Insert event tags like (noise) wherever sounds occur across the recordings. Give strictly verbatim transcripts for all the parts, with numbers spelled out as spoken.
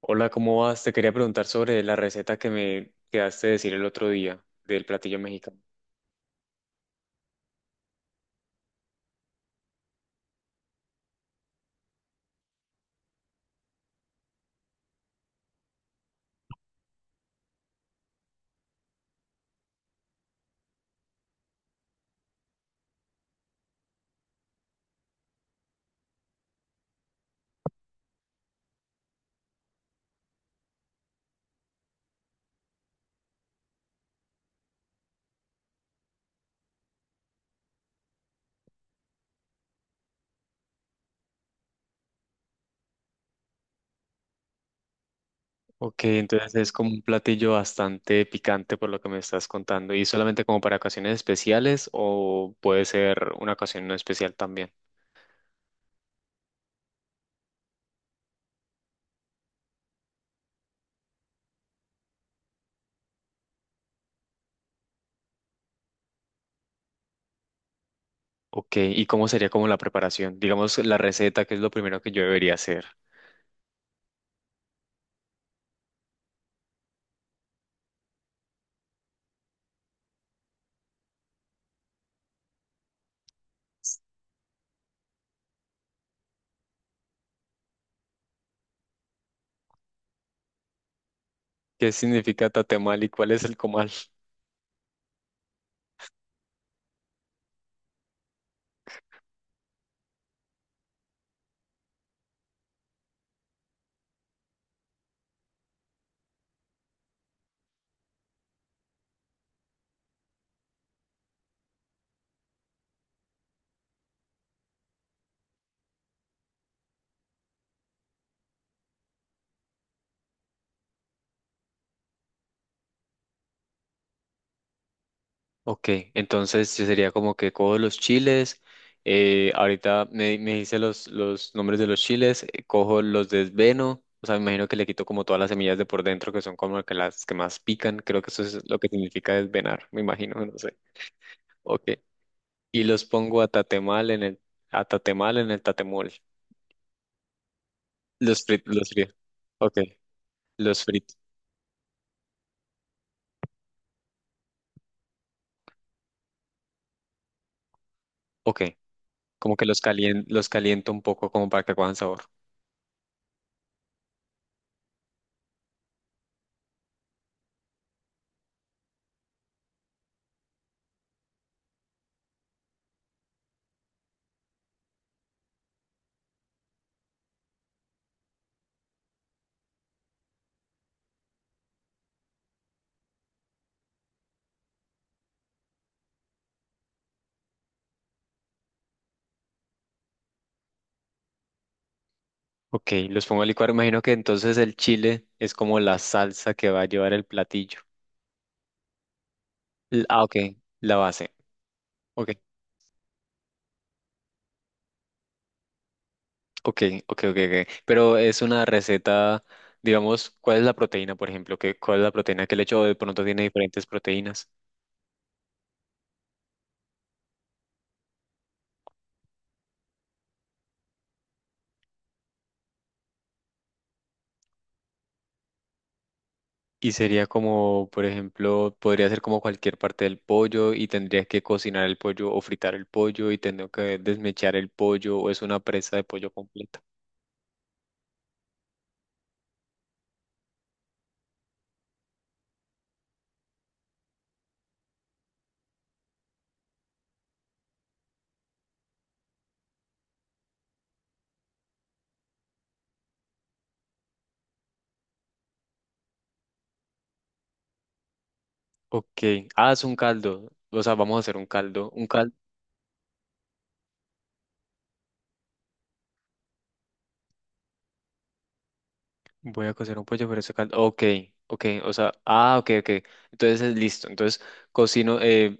Hola, ¿cómo vas? Te quería preguntar sobre la receta que me quedaste de decir el otro día del platillo mexicano. Ok, entonces es como un platillo bastante picante por lo que me estás contando. ¿Y solamente como para ocasiones especiales o puede ser una ocasión no especial también? Ok, ¿y cómo sería como la preparación? Digamos la receta, que es lo primero que yo debería hacer. ¿Qué significa tatemal y cuál es el comal? Ok, entonces sí sería como que cojo los chiles, eh, ahorita me, me hice los, los nombres de los chiles, eh, cojo los desveno, o sea, me imagino que le quito como todas las semillas de por dentro que son como que las que más pican, creo que eso es lo que significa desvenar, me imagino, (laughs) no sé. Ok, y los pongo a tatemal en el, a tatemal en el tatemol, los fritos, los fritos. Ok, los fritos. Ok, como que los calien, los caliento un poco como para que cojan sabor. Ok, los pongo a licuar. Imagino que entonces el chile es como la salsa que va a llevar el platillo. L- Ah, ok, la base. Ok, ok, ok, ok, ok. Pero es una receta, digamos, ¿cuál es la proteína, por ejemplo? ¿Qué, cuál es la proteína que le echo? O de pronto tiene diferentes proteínas. Y sería como, por ejemplo, podría ser como cualquier parte del pollo y tendría que cocinar el pollo o fritar el pollo y tendría que desmechar el pollo o es una presa de pollo completa. Ok, ah, es un caldo. O sea, vamos a hacer un caldo. Un caldo. Voy a cocer un pollo, pero se caldo. Ok, ok, o sea, ah, ok, ok. Entonces es listo. Entonces cocino, eh,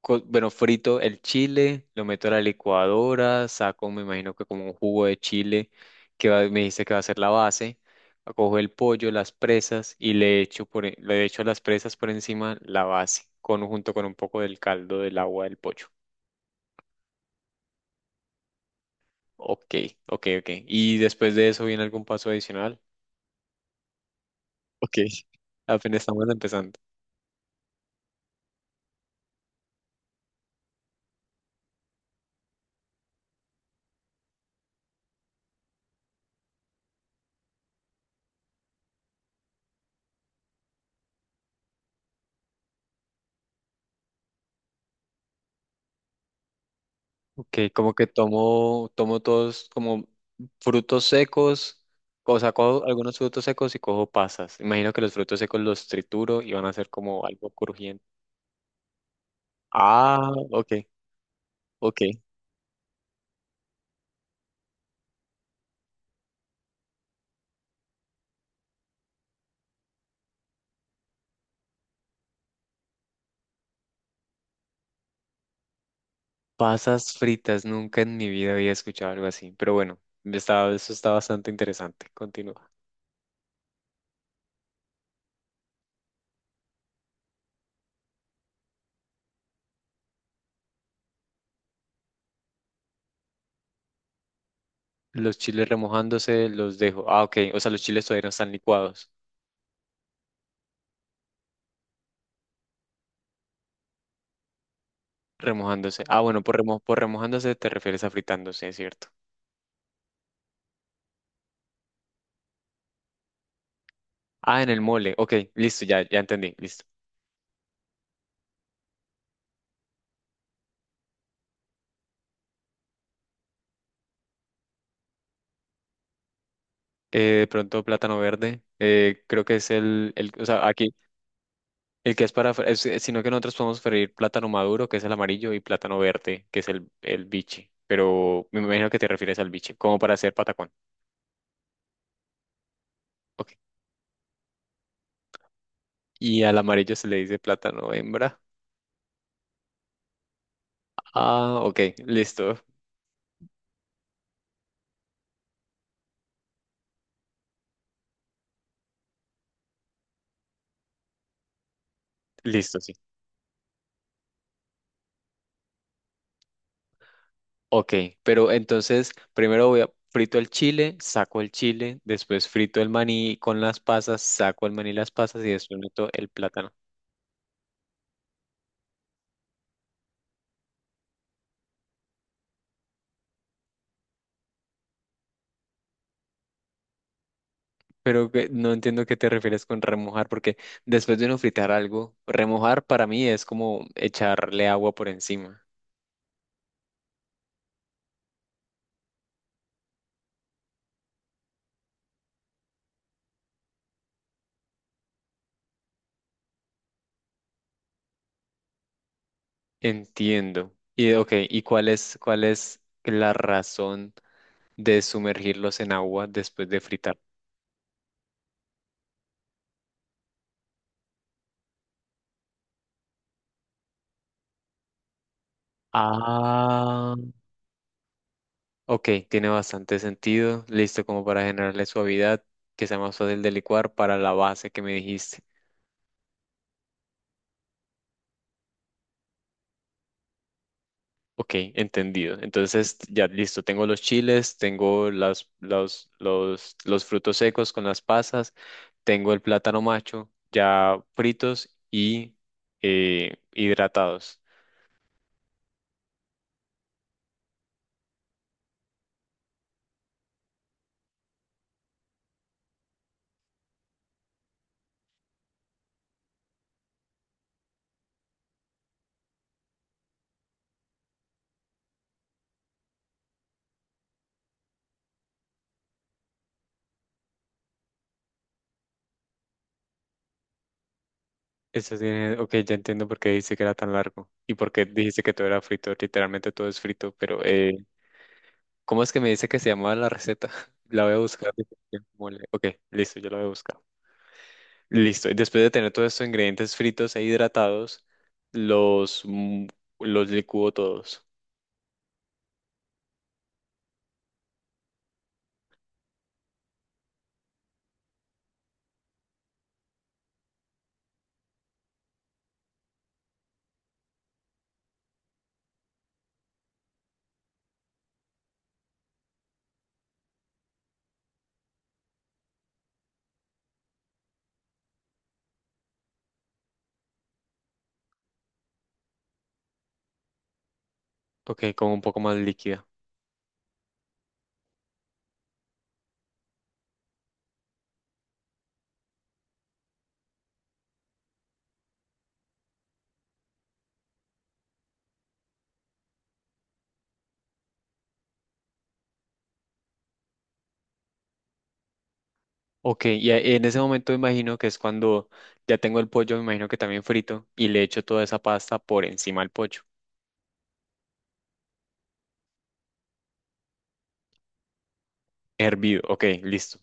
co- bueno, frito el chile, lo meto a la licuadora, saco, me imagino que como un jugo de chile, que va- me dice que va a ser la base. Cojo el pollo, las presas y le echo, por, e- le echo las presas por encima la base, con, junto con un poco del caldo del agua del pollo. Ok, ok, ok. Y después de eso viene algún paso adicional. Ok. Apenas estamos empezando. Ok, como que tomo, tomo todos como frutos secos, o sea, cojo algunos frutos secos y cojo pasas. Imagino que los frutos secos los trituro y van a ser como algo crujiente. Ah, ok, ok. Pasas fritas, nunca en mi vida había escuchado algo así, pero bueno, está- eso está bastante interesante. Continúa. Los chiles remojándose los dejo. Ah, ok, o sea, los chiles todavía no están licuados. Remojándose. Ah, bueno, por, remo por remojándose te refieres a fritándose, ¿cierto? Ah, en el mole. Ok, listo, ya, ya entendí, listo. Eh, de pronto plátano verde, eh, creo que es el, el, o sea, aquí, el que es para, fre- es- sino que nosotros podemos freír plátano maduro, que es el amarillo, y plátano verde, que es el, el biche, pero me imagino que te refieres al biche, como para hacer patacón. Ok. Y al amarillo se le dice plátano hembra. Ah, ok, listo, listo, sí. Ok, pero entonces primero voy a frito el chile, saco el chile, después frito el maní con las pasas, saco el maní y las pasas y después meto el plátano. Pero que- no entiendo qué te refieres con remojar, porque después de uno fritar algo, remojar para mí es como echarle agua por encima. Entiendo. Y ok, ¿y cuál es, cuál es la razón de sumergirlos en agua después de fritar? Ah, ok, tiene bastante sentido. Listo como para generarle suavidad, que sea más fácil de licuar para la base que me dijiste. Ok, entendido. Entonces, ya listo, tengo los chiles, tengo las, los, los, los frutos secos con las pasas, tengo el plátano macho ya fritos y eh, hidratados. Eso tiene, ok, ya entiendo por qué dijiste que era tan largo y por qué dijiste que todo era frito. Literalmente todo es frito, pero eh, ¿cómo es que me dice que se llamaba la receta? (laughs) La voy a buscar. Mole. Ok, listo, yo la voy a buscar. Listo. Y después de tener todos estos ingredientes fritos e hidratados, los, mm, los licúo todos. Ok, con un poco más líquida. Ok, y a- en ese momento imagino que es cuando ya tengo el pollo, me imagino que también frito, y le echo toda esa pasta por encima al pollo. Hervido, ok, listo.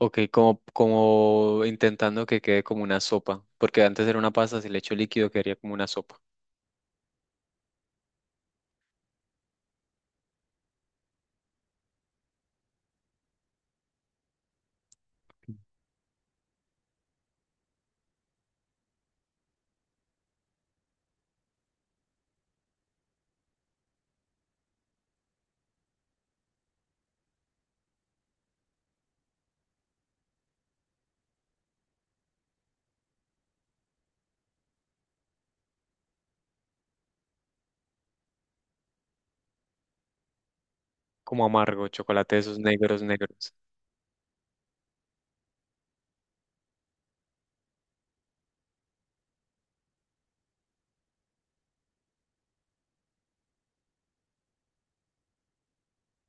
Ok, como, como intentando que quede como una sopa, porque antes era una pasta, si le echo líquido quedaría como una sopa, como amargo, chocolate de esos negros, negros.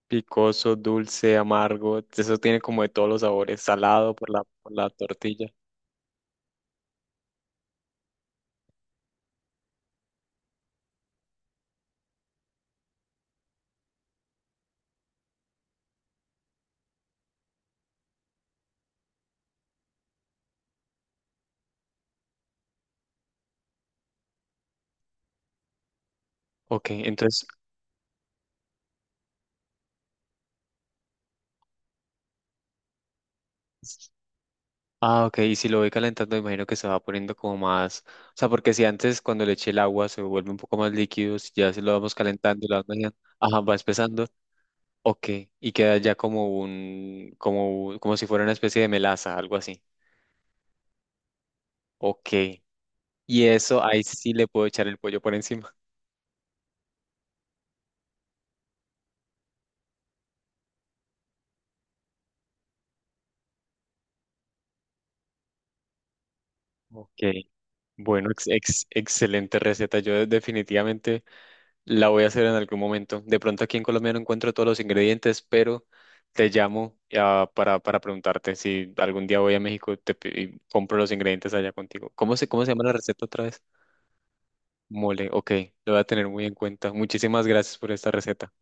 Picoso, dulce, amargo. Eso tiene como de todos los sabores, salado por la, por la tortilla. Ok, entonces, ah, ok, y si lo voy calentando, imagino que se va poniendo como más, o sea, porque si antes cuando le eché el agua se vuelve un poco más líquido, si ya se lo vamos calentando y lo vamos añadiendo, ajá, va espesando, ok, y queda ya como un, como, un- como si fuera una especie de melaza, algo así. Ok, y eso ahí sí le puedo echar el pollo por encima. Ok. Bueno, ex- ex- excelente receta. Yo definitivamente la voy a hacer en algún momento. De pronto aquí en Colombia no encuentro todos los ingredientes, pero te llamo ah, para, para preguntarte si algún día voy a México te, pi- y compro los ingredientes allá contigo. ¿Cómo se, cómo se llama la receta otra vez? Mole, ok, lo voy a tener muy en cuenta. Muchísimas gracias por esta receta.